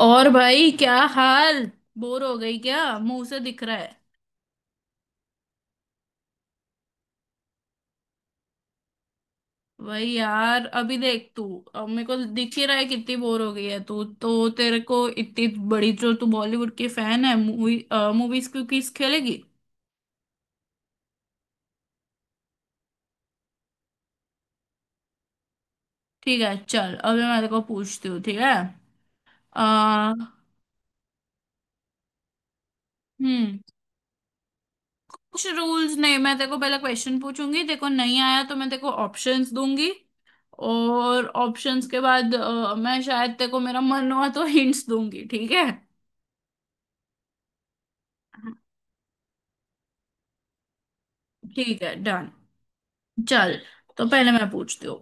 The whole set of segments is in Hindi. और भाई क्या हाल। बोर हो गई क्या? मुंह से दिख रहा है। भाई यार अभी देख तू। अब मेरे को दिख ही रहा है कितनी बोर हो गई है तू। तो तेरे को इतनी बड़ी जो तू बॉलीवुड की फैन है, मूवीज की क्विज खेलेगी। ठीक है, चल अभी मैं तेरे को पूछती हूँ, ठीक है। आ, हम्म। कुछ रूल्स नहीं, मैं तेरे को पहले क्वेश्चन पूछूंगी, तेरे को नहीं आया तो मैं तेरे को ऑप्शंस दूंगी। और ऑप्शंस के बाद मैं शायद तेरे को, मेरा मन हुआ तो हिंट्स दूंगी, ठीक है। ठीक है, डन। चल, तो पहले मैं पूछती हूँ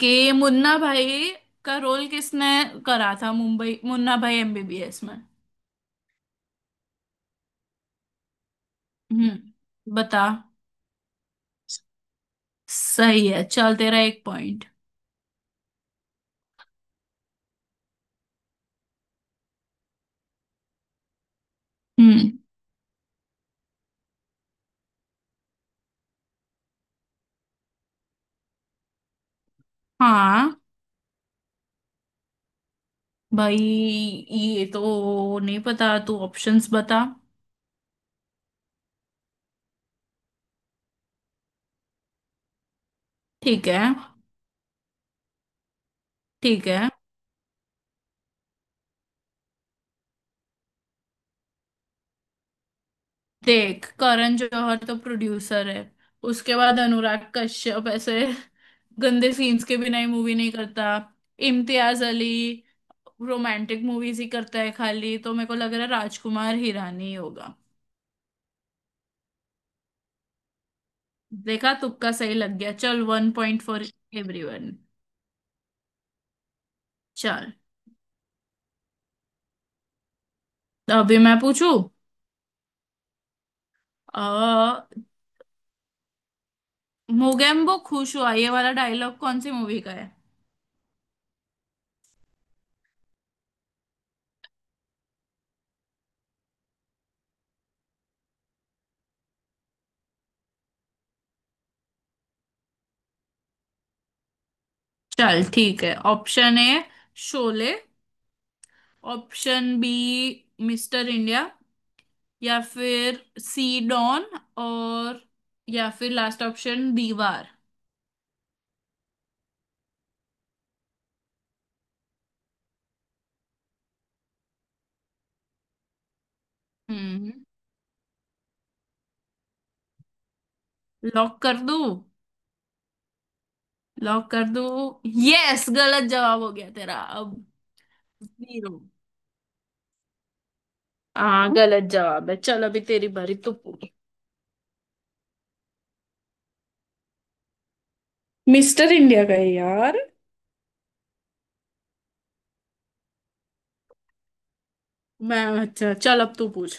कि मुन्ना भाई का रोल किसने करा था, मुंबई मुन्ना भाई एमबीबीएस में। हम्म, बता। सही है, चल तेरा एक पॉइंट। हम्म। हाँ भाई ये तो नहीं पता, तू ऑप्शंस बता। ठीक है। ठीक है। देख, करण जौहर तो प्रोड्यूसर है, उसके बाद अनुराग कश्यप ऐसे गंदे सीन्स के बिना ही मूवी नहीं करता, इम्तियाज अली रोमांटिक मूवीज ही करता है खाली, तो मेरे को लग रहा है राजकुमार हिरानी ही होगा। देखा, तुक्का सही लग गया। चल, वन पॉइंट फॉर एवरीवन। चल, तो अभी मैं पूछू। अ मोगेम्बो खुश हुआ, ये वाला डायलॉग कौन सी मूवी का है? चल ठीक है। Option A Sholay, option B Mister India, या फिर सी डॉन, और या फिर लास्ट ऑप्शन दीवार। हम्म। लॉक कर दो, लॉक कर दो। यस, गलत जवाब हो गया तेरा। अब जीरो। हाँ गलत जवाब है, चल अभी तेरी बारी, तू पूछ। मिस्टर इंडिया का है यार। मैं, अच्छा, चल अब तू पूछ।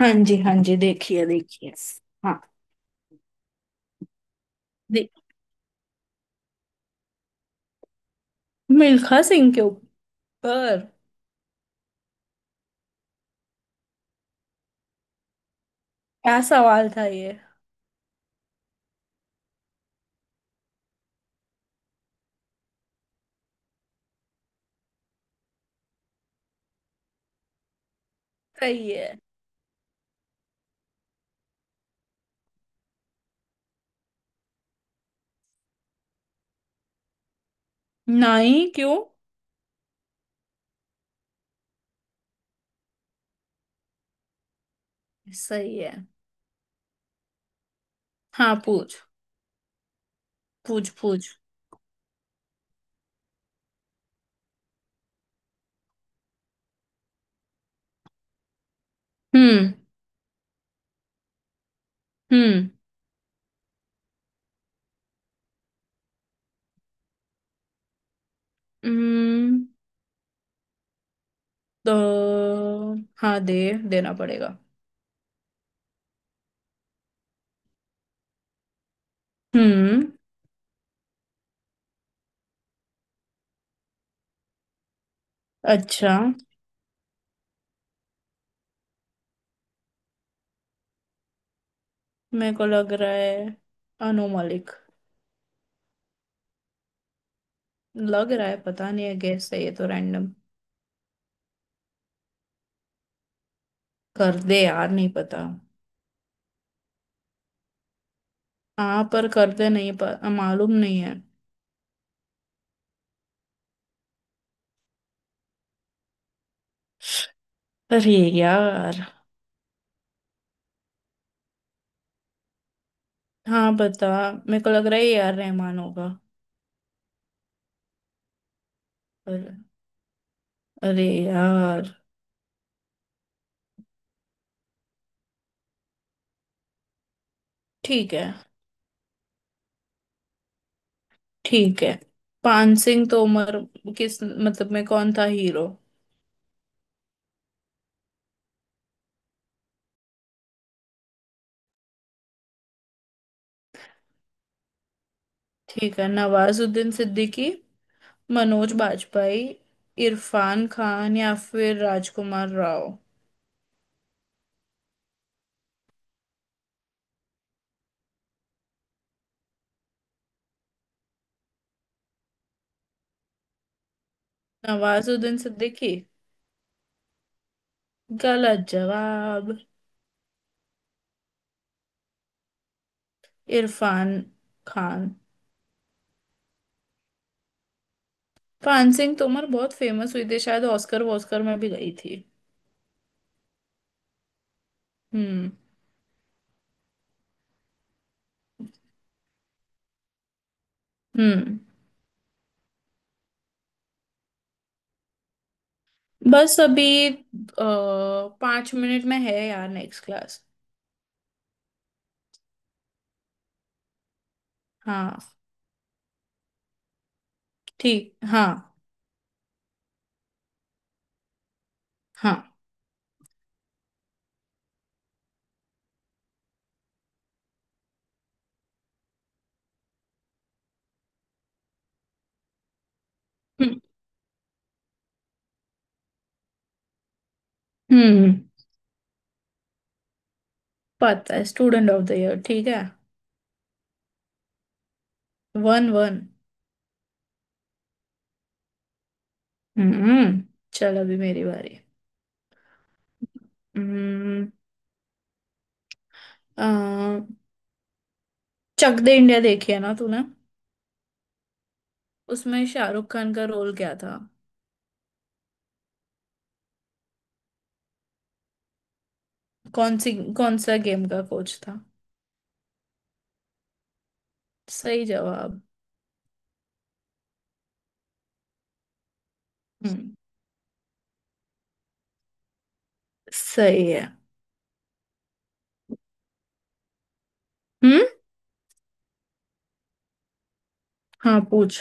हाँ जी, हाँ जी, देखिए देखिए। हाँ। देख मिल्खा सिंह के ऊपर। क्या सवाल था ये? सही है। नहीं, क्यों? सही है। हाँ, पूछ पूछ पूछ। हम्म। हम्म। हम्म। तो हाँ दे, देना पड़ेगा। हम्म। अच्छा। मेरे को लग रहा है अनु मलिक। लग रहा है, पता नहीं है, गैस है ये तो, रैंडम। कर दे यार, नहीं पता। हाँ पर कर दे, नहीं मालूम नहीं है। अरे यार। हाँ बता। मेरे को लग रहा है ये यार रहमान होगा। पर- अरे यार। ठीक है। ठीक है। पान सिंह तोमर किस मतलब में कौन था हीरो। ठीक है, नवाजुद्दीन सिद्दीकी, मनोज बाजपेयी, इरफान खान या फिर राजकुमार राव। नवाजुद्दीन सिद्दीकी। गलत जवाब। इरफान खान। पान सिंह तोमर बहुत फेमस हुई थी, शायद ऑस्कर वॉस्कर में भी गई थी। हम्म। हम्म। बस अभी 5 मिनट में है यार नेक्स्ट क्लास। हाँ, ठीक, हाँ। हाँ। हम्म। हम्म, पता है, स्टूडेंट ऑफ द ईयर। ठीक है। One, one. हम्म। चल अभी मेरी बारी। हम्म। अ, चक दे इंडिया देखी है ना तूने। उसमें शाहरुख खान का रोल क्या था? कौन सी, कौन सा गेम का कोच था? सही जवाब। हम्म। सही है। हम्म। हाँ, पूछ।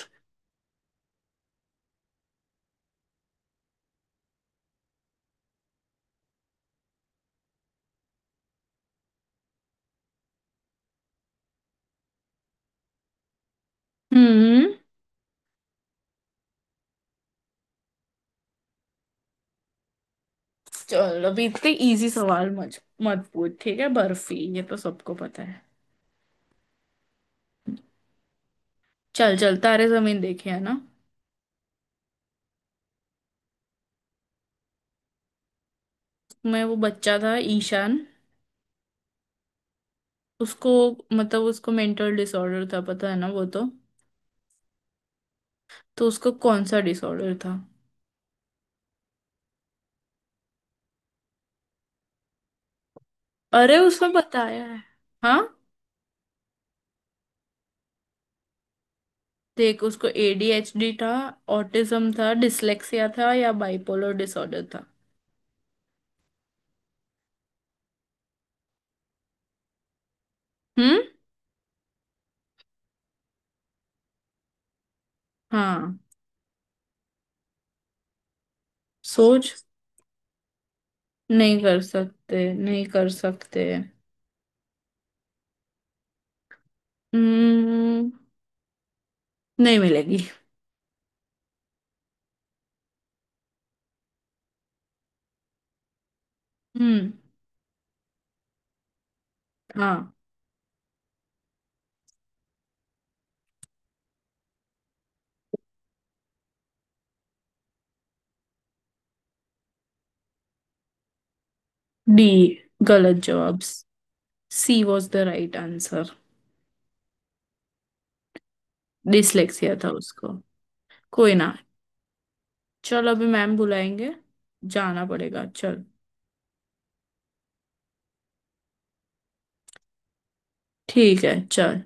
हम्म। चल अभी इतने इजी सवाल मत मत पूछ, ठीक है, बर्फी, ये तो सबको पता है। चल चल, तारे जमीन देखे है ना। मैं, वो बच्चा था ईशान। उसको, मतलब उसको मेंटल डिसऑर्डर था, पता है ना वो तो। तो उसको कौन सा डिसऑर्डर था? अरे उसमें बताया है। हाँ। देख, उसको एडीएचडी था, ऑटिज्म था, डिसलेक्सिया था या बाइपोलर डिसऑर्डर था। हम्म। हाँ, सोच। नहीं कर सकते, नहीं कर सकते। हम्म, नहीं मिलेगी। हम्म। हाँ। डी। गलत जवाब। C was the right answer. Dyslexia था उसको। कोई ना। चल अभी मैम बुलाएंगे, जाना पड़ेगा, चल। ठीक है चल।